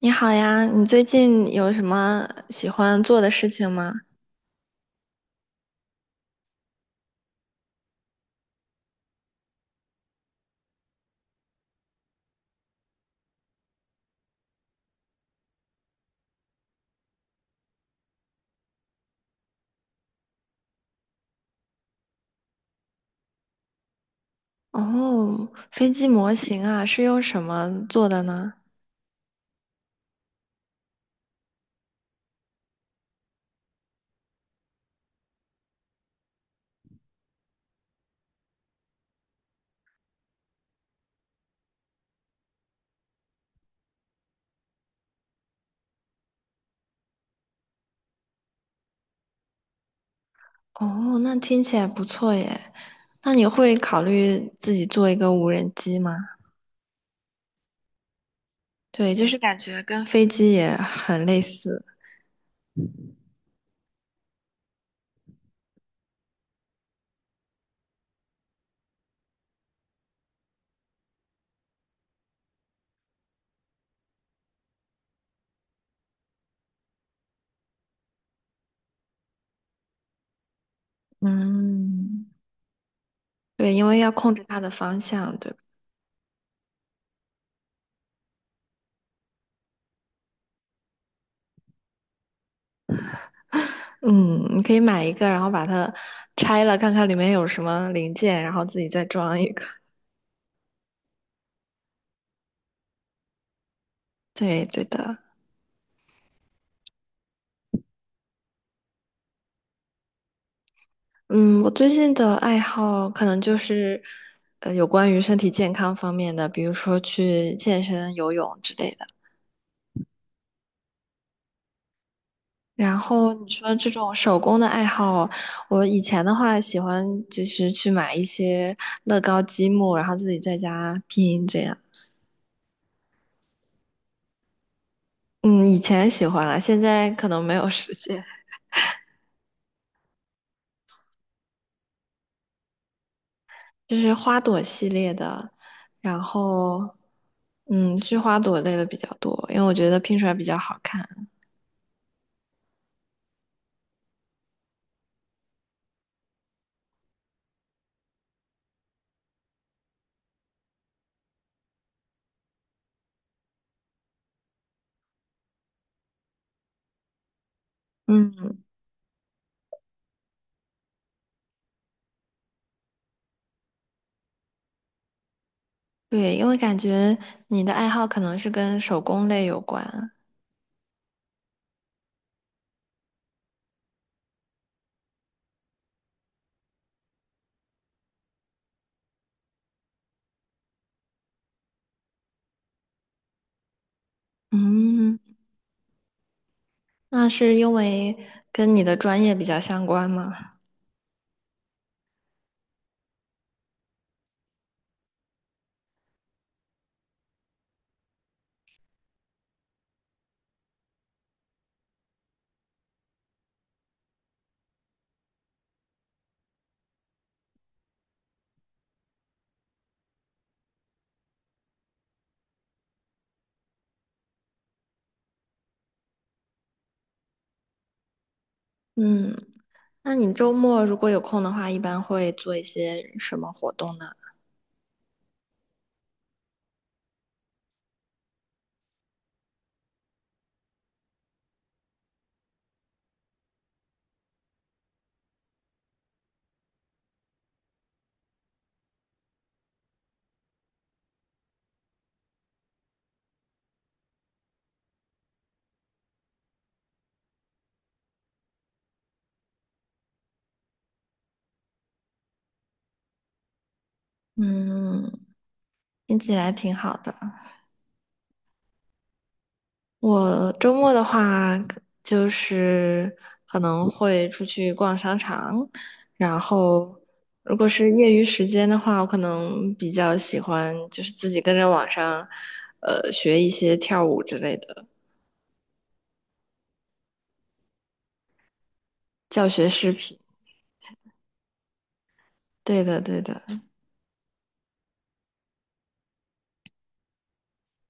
你好呀，你最近有什么喜欢做的事情吗？哦，飞机模型啊，是用什么做的呢？哦，那听起来不错耶。那你会考虑自己做一个无人机吗？对，就是感觉跟飞机也很类似。嗯，对，因为要控制它的方向，对吧？嗯，你可以买一个，然后把它拆了，看看里面有什么零件，然后自己再装一个。对，对的。嗯，我最近的爱好可能就是，有关于身体健康方面的，比如说去健身、游泳之类的。然后你说这种手工的爱好，我以前的话喜欢就是去买一些乐高积木，然后自己在家拼这样。嗯，以前喜欢了，现在可能没有时间。就是花朵系列的，然后嗯，是花朵类的比较多，因为我觉得拼出来比较好看。嗯。对，因为感觉你的爱好可能是跟手工类有关。嗯，那是因为跟你的专业比较相关吗？嗯，那你周末如果有空的话，一般会做一些什么活动呢？嗯，听起来挺好的。我周末的话，就是可能会出去逛商场，然后如果是业余时间的话，我可能比较喜欢就是自己跟着网上，学一些跳舞之类的教学视频。对的，对的，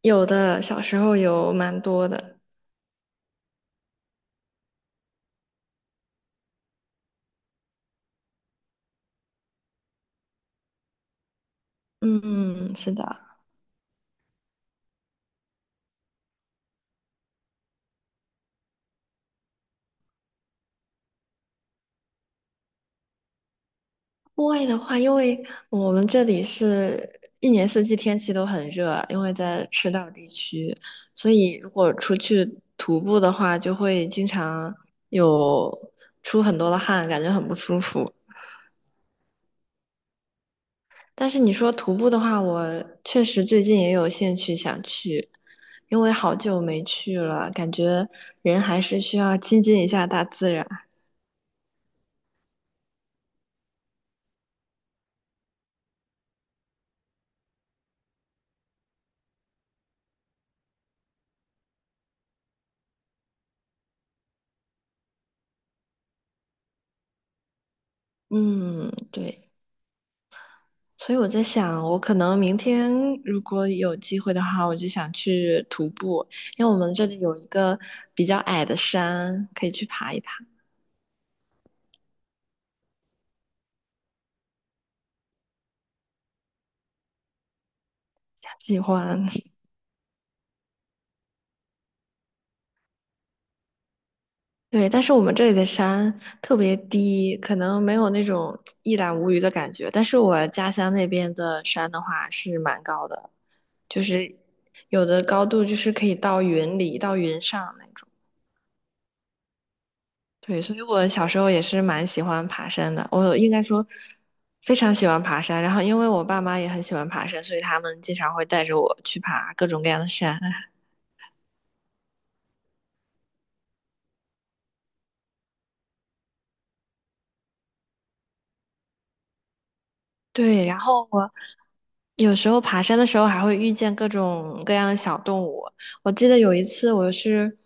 有的，小时候有蛮多的。嗯，是的。户外的话，因为我们这里是一年四季天气都很热，因为在赤道地区，所以如果出去徒步的话，就会经常有出很多的汗，感觉很不舒服。但是你说徒步的话，我确实最近也有兴趣想去，因为好久没去了，感觉人还是需要亲近一下大自然。嗯，对。所以我在想，我可能明天如果有机会的话，我就想去徒步，因为我们这里有一个比较矮的山，可以去爬一爬，喜欢。对，但是我们这里的山特别低，可能没有那种一览无余的感觉。但是我家乡那边的山的话是蛮高的，就是有的高度就是可以到云里、到云上那种。对，所以我小时候也是蛮喜欢爬山的，我应该说非常喜欢爬山。然后因为我爸妈也很喜欢爬山，所以他们经常会带着我去爬各种各样的山。对，然后我有时候爬山的时候还会遇见各种各样的小动物。我记得有一次我是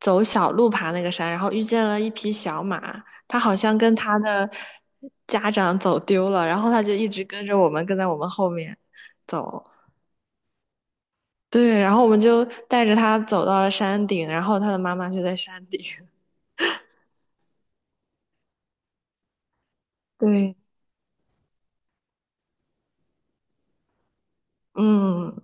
走小路爬那个山，然后遇见了一匹小马，它好像跟它的家长走丢了，然后它就一直跟着我们，跟在我们后面走。对，然后我们就带着他走到了山顶，然后他的妈妈就在山顶。对，嗯，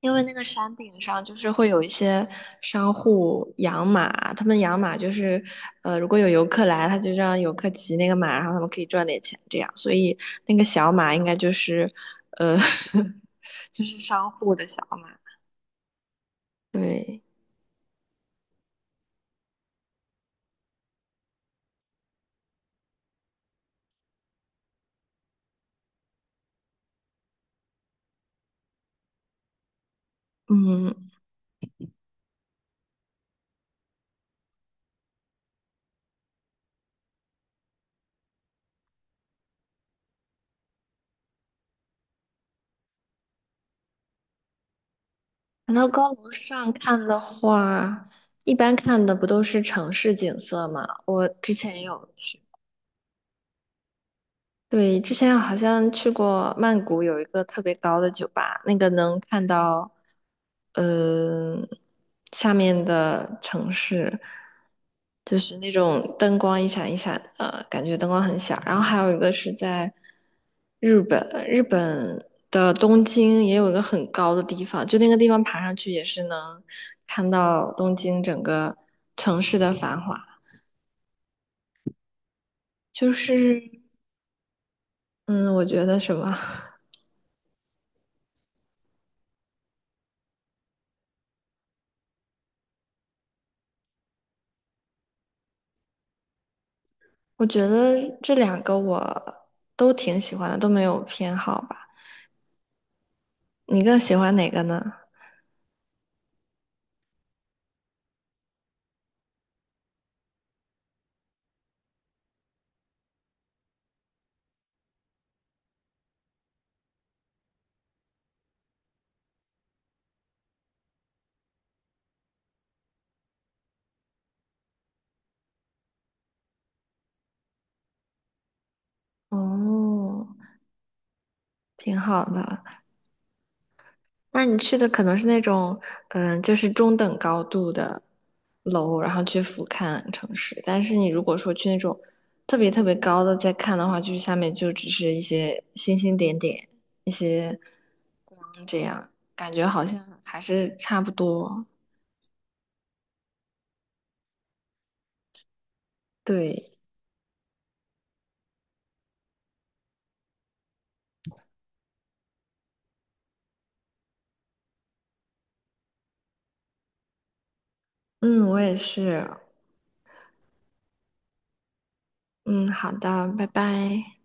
因为那个山顶上就是会有一些商户养马，他们养马就是，如果有游客来，他就让游客骑那个马，然后他们可以赚点钱，这样。所以那个小马应该就是，呃，就是商户的小马。对，嗯，谈到高楼上看的话，一般看的不都是城市景色吗？我之前有去对，之前好像去过曼谷，有一个特别高的酒吧，那个能看到，嗯、下面的城市，就是那种灯光一闪一闪，感觉灯光很小。然后还有一个是在日本，日本的东京也有一个很高的地方，就那个地方爬上去也是能看到东京整个城市的繁华，就是，嗯，我觉得什么。我觉得这两个我都挺喜欢的，都没有偏好吧。你更喜欢哪个呢？哦，挺好的。那你去的可能是那种，嗯，就是中等高度的楼，然后去俯瞰城市。但是你如果说去那种特别特别高的再看的话，就是下面就只是一些星星点点，一些光这样，感觉好像还是差不多。对，嗯，我也是。嗯，好的，拜拜。